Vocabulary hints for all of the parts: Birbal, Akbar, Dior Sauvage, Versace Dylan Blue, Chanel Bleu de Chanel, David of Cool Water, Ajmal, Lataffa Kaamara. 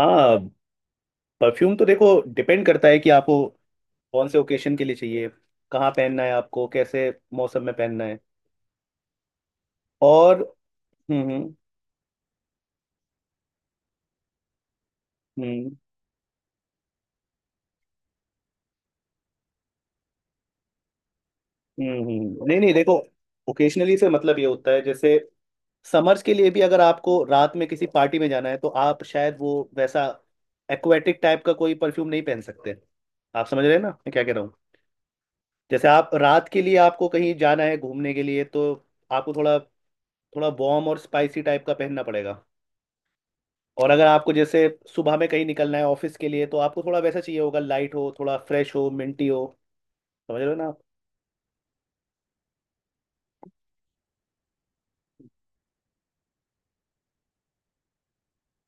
हाँ, परफ्यूम तो देखो। डिपेंड करता है कि आपको कौन से ओकेशन के लिए चाहिए, कहाँ पहनना है आपको, कैसे मौसम में पहनना है। और हम्म हम्म हम्म नहीं नहीं, देखो। ओकेशनली से मतलब ये होता है, जैसे समर्स के लिए भी अगर आपको रात में किसी पार्टी में जाना है, तो आप शायद वो वैसा एक्वेटिक टाइप का कोई परफ्यूम नहीं पहन सकते। आप समझ रहे हैं ना मैं क्या कह रहा हूँ? जैसे आप रात के लिए आपको कहीं जाना है घूमने के लिए, तो आपको थोड़ा थोड़ा वार्म और स्पाइसी टाइप का पहनना पड़ेगा। और अगर आपको जैसे सुबह में कहीं निकलना है ऑफिस के लिए, तो आपको थोड़ा वैसा चाहिए होगा, लाइट हो, थोड़ा फ्रेश हो, मिंटी हो। समझ रहे हो ना आप?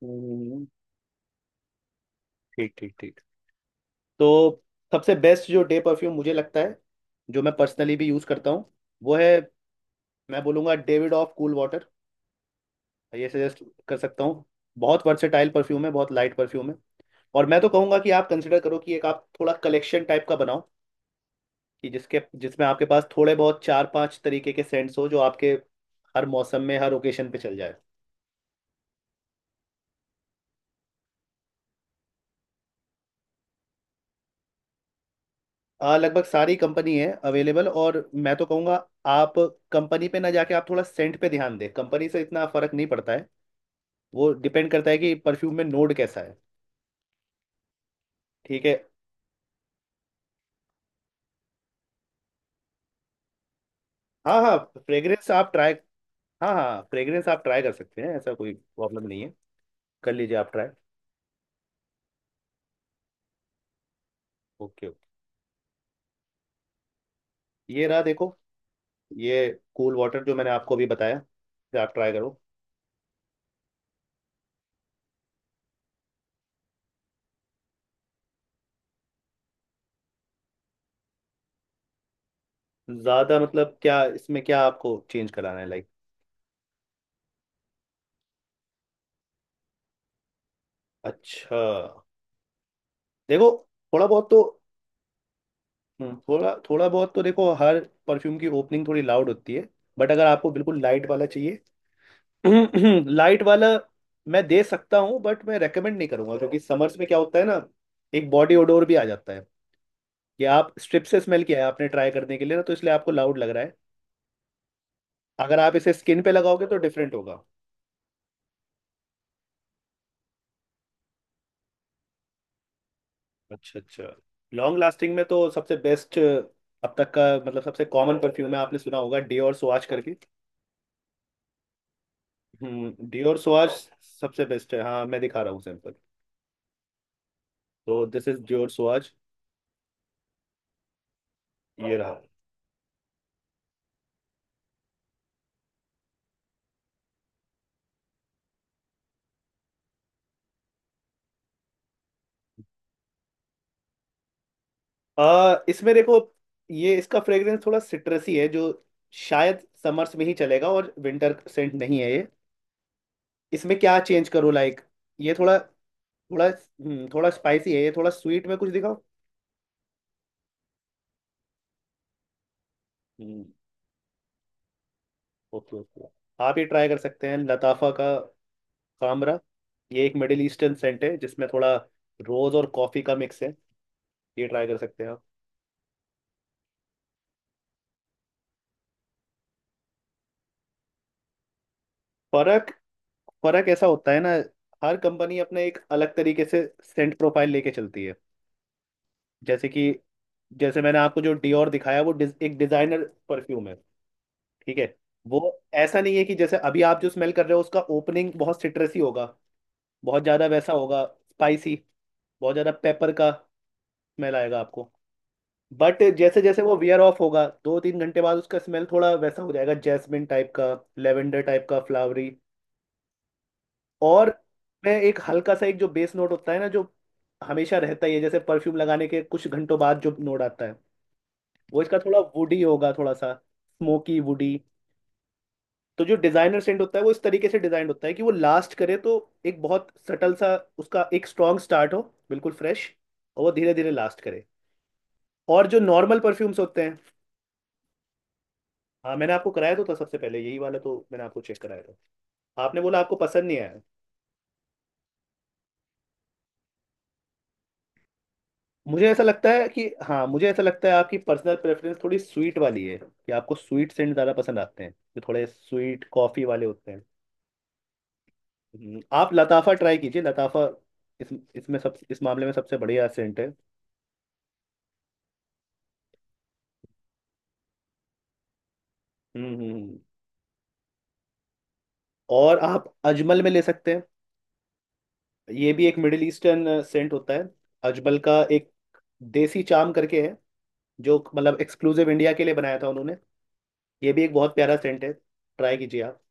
हम्म, ठीक ठीक ठीक। तो सबसे बेस्ट जो डे परफ्यूम मुझे लगता है, जो मैं पर्सनली भी यूज़ करता हूँ, वो है, मैं बोलूँगा, डेविड ऑफ कूल वाटर। ये सजेस्ट कर सकता हूँ। बहुत वर्सेटाइल परफ्यूम है, बहुत लाइट परफ्यूम है। और मैं तो कहूँगा कि आप कंसिडर करो कि एक आप थोड़ा कलेक्शन टाइप का बनाओ, कि जिसके जिसमें आपके पास थोड़े बहुत चार पांच तरीके के सेंट्स हो जो आपके हर मौसम में हर ओकेशन पे चल जाए। लगभग सारी कंपनी है अवेलेबल। और मैं तो कहूँगा, आप कंपनी पे ना जाके आप थोड़ा सेंट पे ध्यान दें, कंपनी से इतना फर्क नहीं पड़ता है। वो डिपेंड करता है कि परफ्यूम में नोड कैसा है। ठीक है। हाँ हाँ फ्रेग्रेंस आप ट्राई हाँ हाँ, फ्रेग्रेंस आप ट्राई कर सकते हैं, ऐसा कोई प्रॉब्लम नहीं है। कर लीजिए, आप ट्राई। Okay okay. ये रहा, देखो। ये कूल वाटर जो मैंने आपको अभी बताया, इसे आप ट्राई करो। ज़्यादा मतलब क्या? इसमें क्या आपको चेंज कराना है, लाइक? अच्छा, देखो। थोड़ा बहुत तो थोड़ा बहुत तो देखो, हर परफ्यूम की ओपनिंग थोड़ी लाउड होती है। बट अगर आपको बिल्कुल लाइट वाला चाहिए, लाइट वाला मैं दे सकता हूँ, बट मैं रेकमेंड नहीं करूंगा, क्योंकि समर्स में क्या होता है ना, एक बॉडी ओडोर भी आ जाता है। कि आप स्ट्रिप से स्मेल किया है, आपने ट्राई करने के लिए ना, तो इसलिए आपको लाउड लग रहा है। अगर आप इसे स्किन पे लगाओगे तो डिफरेंट होगा। अच्छा अच्छा। लॉन्ग लास्टिंग में तो सबसे बेस्ट अब तक का मतलब सबसे कॉमन परफ्यूम है, आपने सुना होगा, डियोर स्वाच करके। डियोर स्वाच सबसे बेस्ट है। हाँ, मैं दिखा रहा हूँ सैंपल। तो दिस इज योर स्वाज। ये रहा। इसमें देखो, ये इसका फ्रेग्रेंस थोड़ा सिट्रसी है, जो शायद समर्स में ही चलेगा, और विंटर सेंट नहीं है ये। इसमें क्या चेंज करो, लाइक? ये थोड़ा थोड़ा थोड़ा स्पाइसी है, ये थोड़ा स्वीट में कुछ दिखाओ। Okay okay. आप ये ट्राई कर सकते हैं, लताफा का कामरा। ये एक मिडिल ईस्टर्न सेंट है जिसमें थोड़ा रोज और कॉफी का मिक्स है। ये ट्राई कर सकते हैं आप। फर्क फर्क ऐसा होता है ना। हर कंपनी अपने एक अलग तरीके से सेंट प्रोफाइल लेके चलती है, जैसे कि। जैसे मैंने आपको जो डियोर दिखाया, वो एक डिजाइनर परफ्यूम है। ठीक है। वो ऐसा नहीं है कि जैसे अभी आप जो स्मेल कर रहे हो, उसका ओपनिंग बहुत सिट्रसी होगा, बहुत ज्यादा वैसा होगा स्पाइसी, बहुत ज्यादा पेपर का स्मेल आएगा आपको। बट जैसे जैसे वो वियर ऑफ होगा, दो तीन घंटे बाद उसका स्मेल थोड़ा वैसा हो जाएगा, जैस्मिन टाइप का, लेवेंडर टाइप का, फ्लावरी। और मैं एक हल्का सा, एक जो बेस नोट होता है ना जो हमेशा रहता ही है, जैसे परफ्यूम लगाने के कुछ घंटों बाद जो नोट आता है, वो इसका थोड़ा वुडी होगा, थोड़ा सा स्मोकी वुडी। तो जो डिजाइनर सेंट होता है, वो इस तरीके से डिजाइन होता है कि वो लास्ट करे, तो एक बहुत सटल सा उसका एक स्ट्रॉन्ग स्टार्ट हो, बिल्कुल फ्रेश, और वो धीरे धीरे लास्ट करे। और जो नॉर्मल परफ्यूम्स होते हैं। हाँ, मैंने आपको कराया तो था सबसे पहले यही वाला, तो मैंने आपको चेक कराया था, आपने बोला आपको पसंद नहीं आया। मुझे ऐसा लगता है आपकी पर्सनल प्रेफरेंस थोड़ी स्वीट वाली है, कि आपको स्वीट सेंट ज़्यादा पसंद आते हैं, जो थोड़े स्वीट कॉफ़ी वाले होते हैं। आप लताफा ट्राई कीजिए, लताफा। इस इसमें सब, इस मामले में सबसे बढ़िया सेंट है। हम्म हम्म, हम्म। और आप अजमल में ले सकते हैं। ये भी एक मिडिल ईस्टर्न सेंट होता है। अजमल का एक देसी चाम करके है, जो मतलब एक्सक्लूसिव इंडिया के लिए बनाया था उन्होंने। ये भी एक बहुत प्यारा सेंट है। ट्राई कीजिए आप।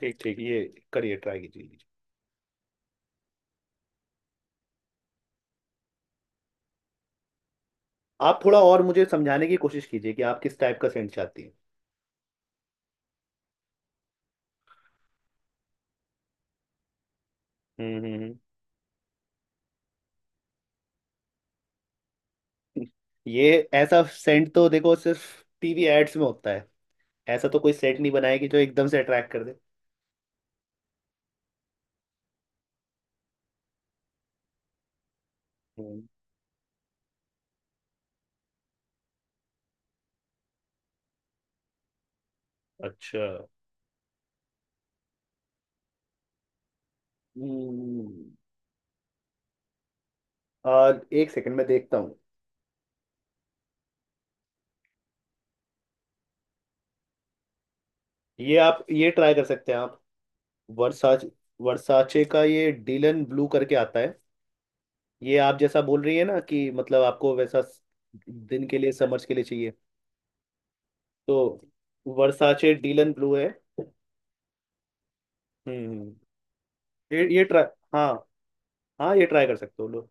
ठीक ठीक, ये करिए, ट्राई कीजिए। आप थोड़ा और मुझे समझाने की कोशिश कीजिए कि आप किस टाइप का सेंट चाहती हैं। हम्म हम्म, हम्म। ये ऐसा सेंट तो देखो सिर्फ TV एड्स में होता है, ऐसा तो कोई सेंट नहीं बनाएगी जो एकदम से अट्रैक्ट कर दे। हम्म, अच्छा। हम्म और एक सेकंड में देखता हूँ। ये आप, ये ट्राई कर सकते हैं आप, वर्साच वर्साचे का ये डीलन ब्लू करके आता है। ये आप जैसा बोल रही है ना, कि मतलब आपको वैसा दिन के लिए, समर्स के लिए चाहिए। तो वर्साचे डीलन ब्लू है। हम्म। ये ट्राई हाँ हाँ, ये ट्राई कर सकते हो लोग।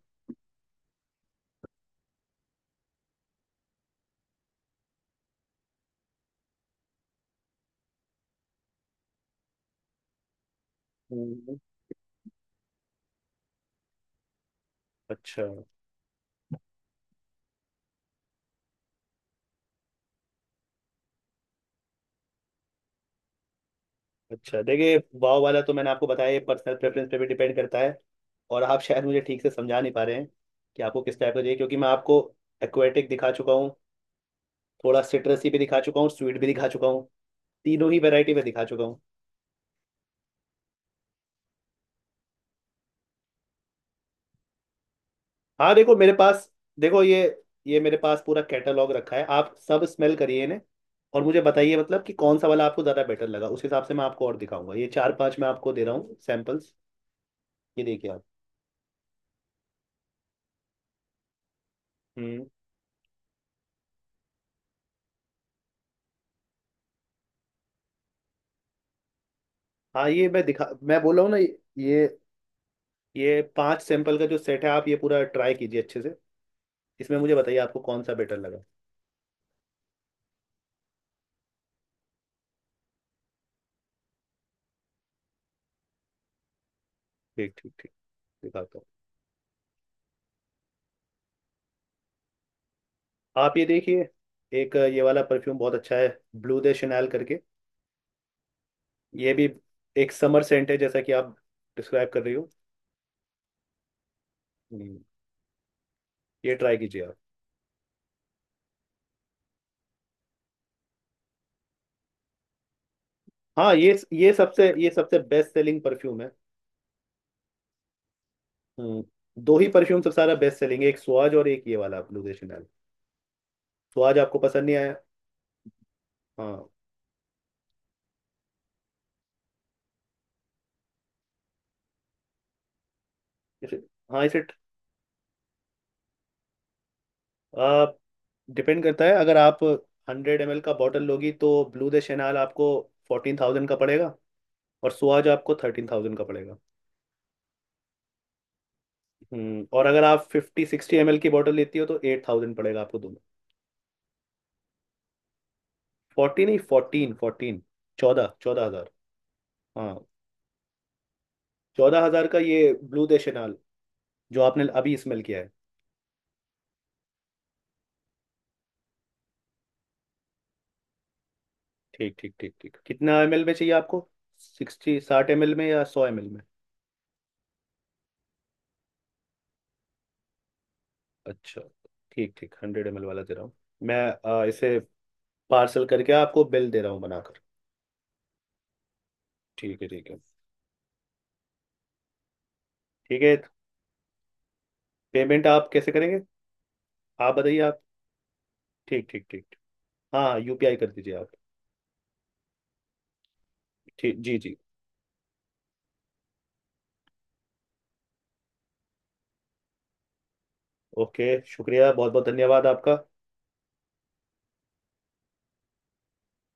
हम्म, अच्छा। अच्छा देखिए, वाव वाला तो मैंने आपको बताया, ये पर्सनल प्रेफरेंस पे भी डिपेंड करता है, और आप शायद मुझे ठीक से समझा नहीं पा रहे हैं कि आपको किस टाइप का चाहिए, क्योंकि मैं आपको एक्वेटिक दिखा चुका हूँ, थोड़ा सिट्रसी भी दिखा चुका हूँ, स्वीट भी दिखा चुका हूँ, तीनों ही वैरायटी में दिखा चुका हूँ। हाँ, देखो, ये मेरे पास पूरा कैटलॉग रखा है, आप सब स्मेल करिए इन्हें, और मुझे बताइए मतलब कि कौन सा वाला आपको ज़्यादा बेटर लगा, उस हिसाब से मैं आपको और दिखाऊंगा, ये चार पांच मैं आपको दे रहा हूँ सैम्पल्स। ये देखिए आप। हम्म। हाँ, ये मैं दिखा मैं बोल रहा हूँ ना। ये ये पांच सैंपल का जो सेट है, आप ये पूरा ट्राई कीजिए अच्छे से। इसमें मुझे बताइए आपको कौन सा बेटर लगा। ठीक ठीक ठीक, दिखाता हूँ। आप ये देखिए, एक ये वाला परफ्यूम बहुत अच्छा है, ब्लू दे शनैल करके। ये भी एक समर सेंट है, जैसा कि आप डिस्क्राइब कर रही हो। हम्म, ये ट्राई कीजिए आप। हाँ, ये सबसे बेस्ट सेलिंग परफ्यूम है। हम्म, दो ही परफ्यूम सबसे सारा बेस्ट सेलिंग है, एक स्वाज और एक ये वाला ब्लू दे शनैल। स्वाज आपको पसंद नहीं आया। हाँ, इसे हाँ इसे आप डिपेंड करता है, अगर आप 100 ml का बॉटल लोगी तो ब्लू दे शेनाल आपको 14,000 का पड़ेगा, और सुहाज आपको 13,000 का पड़ेगा। और अगर आप 50-60 ml की बॉटल लेती हो तो 8,000 पड़ेगा आपको दोनों। फोर्टी नहीं, फोर्टीन फोर्टीन, चौदह चौदह हजार। हाँ। 14,000 का ये ब्लू दे शेनाल जो आपने अभी स्मेल किया है। ठीक ठीक ठीक ठीक, कितना ml में चाहिए आपको, 60 ml में या 100 ml में? अच्छा, ठीक ठीक, 100 ml वाला दे रहा हूँ। मैं इसे पार्सल करके आपको बिल दे रहा हूँ बनाकर। ठीक है, ठीक है, ठीक है। पेमेंट आप कैसे करेंगे, आप बताइए आप। ठीक ठीक ठीक, हाँ, UPI कर दीजिए आप। ठीक जी जी। ओके, शुक्रिया, बहुत बहुत धन्यवाद आपका।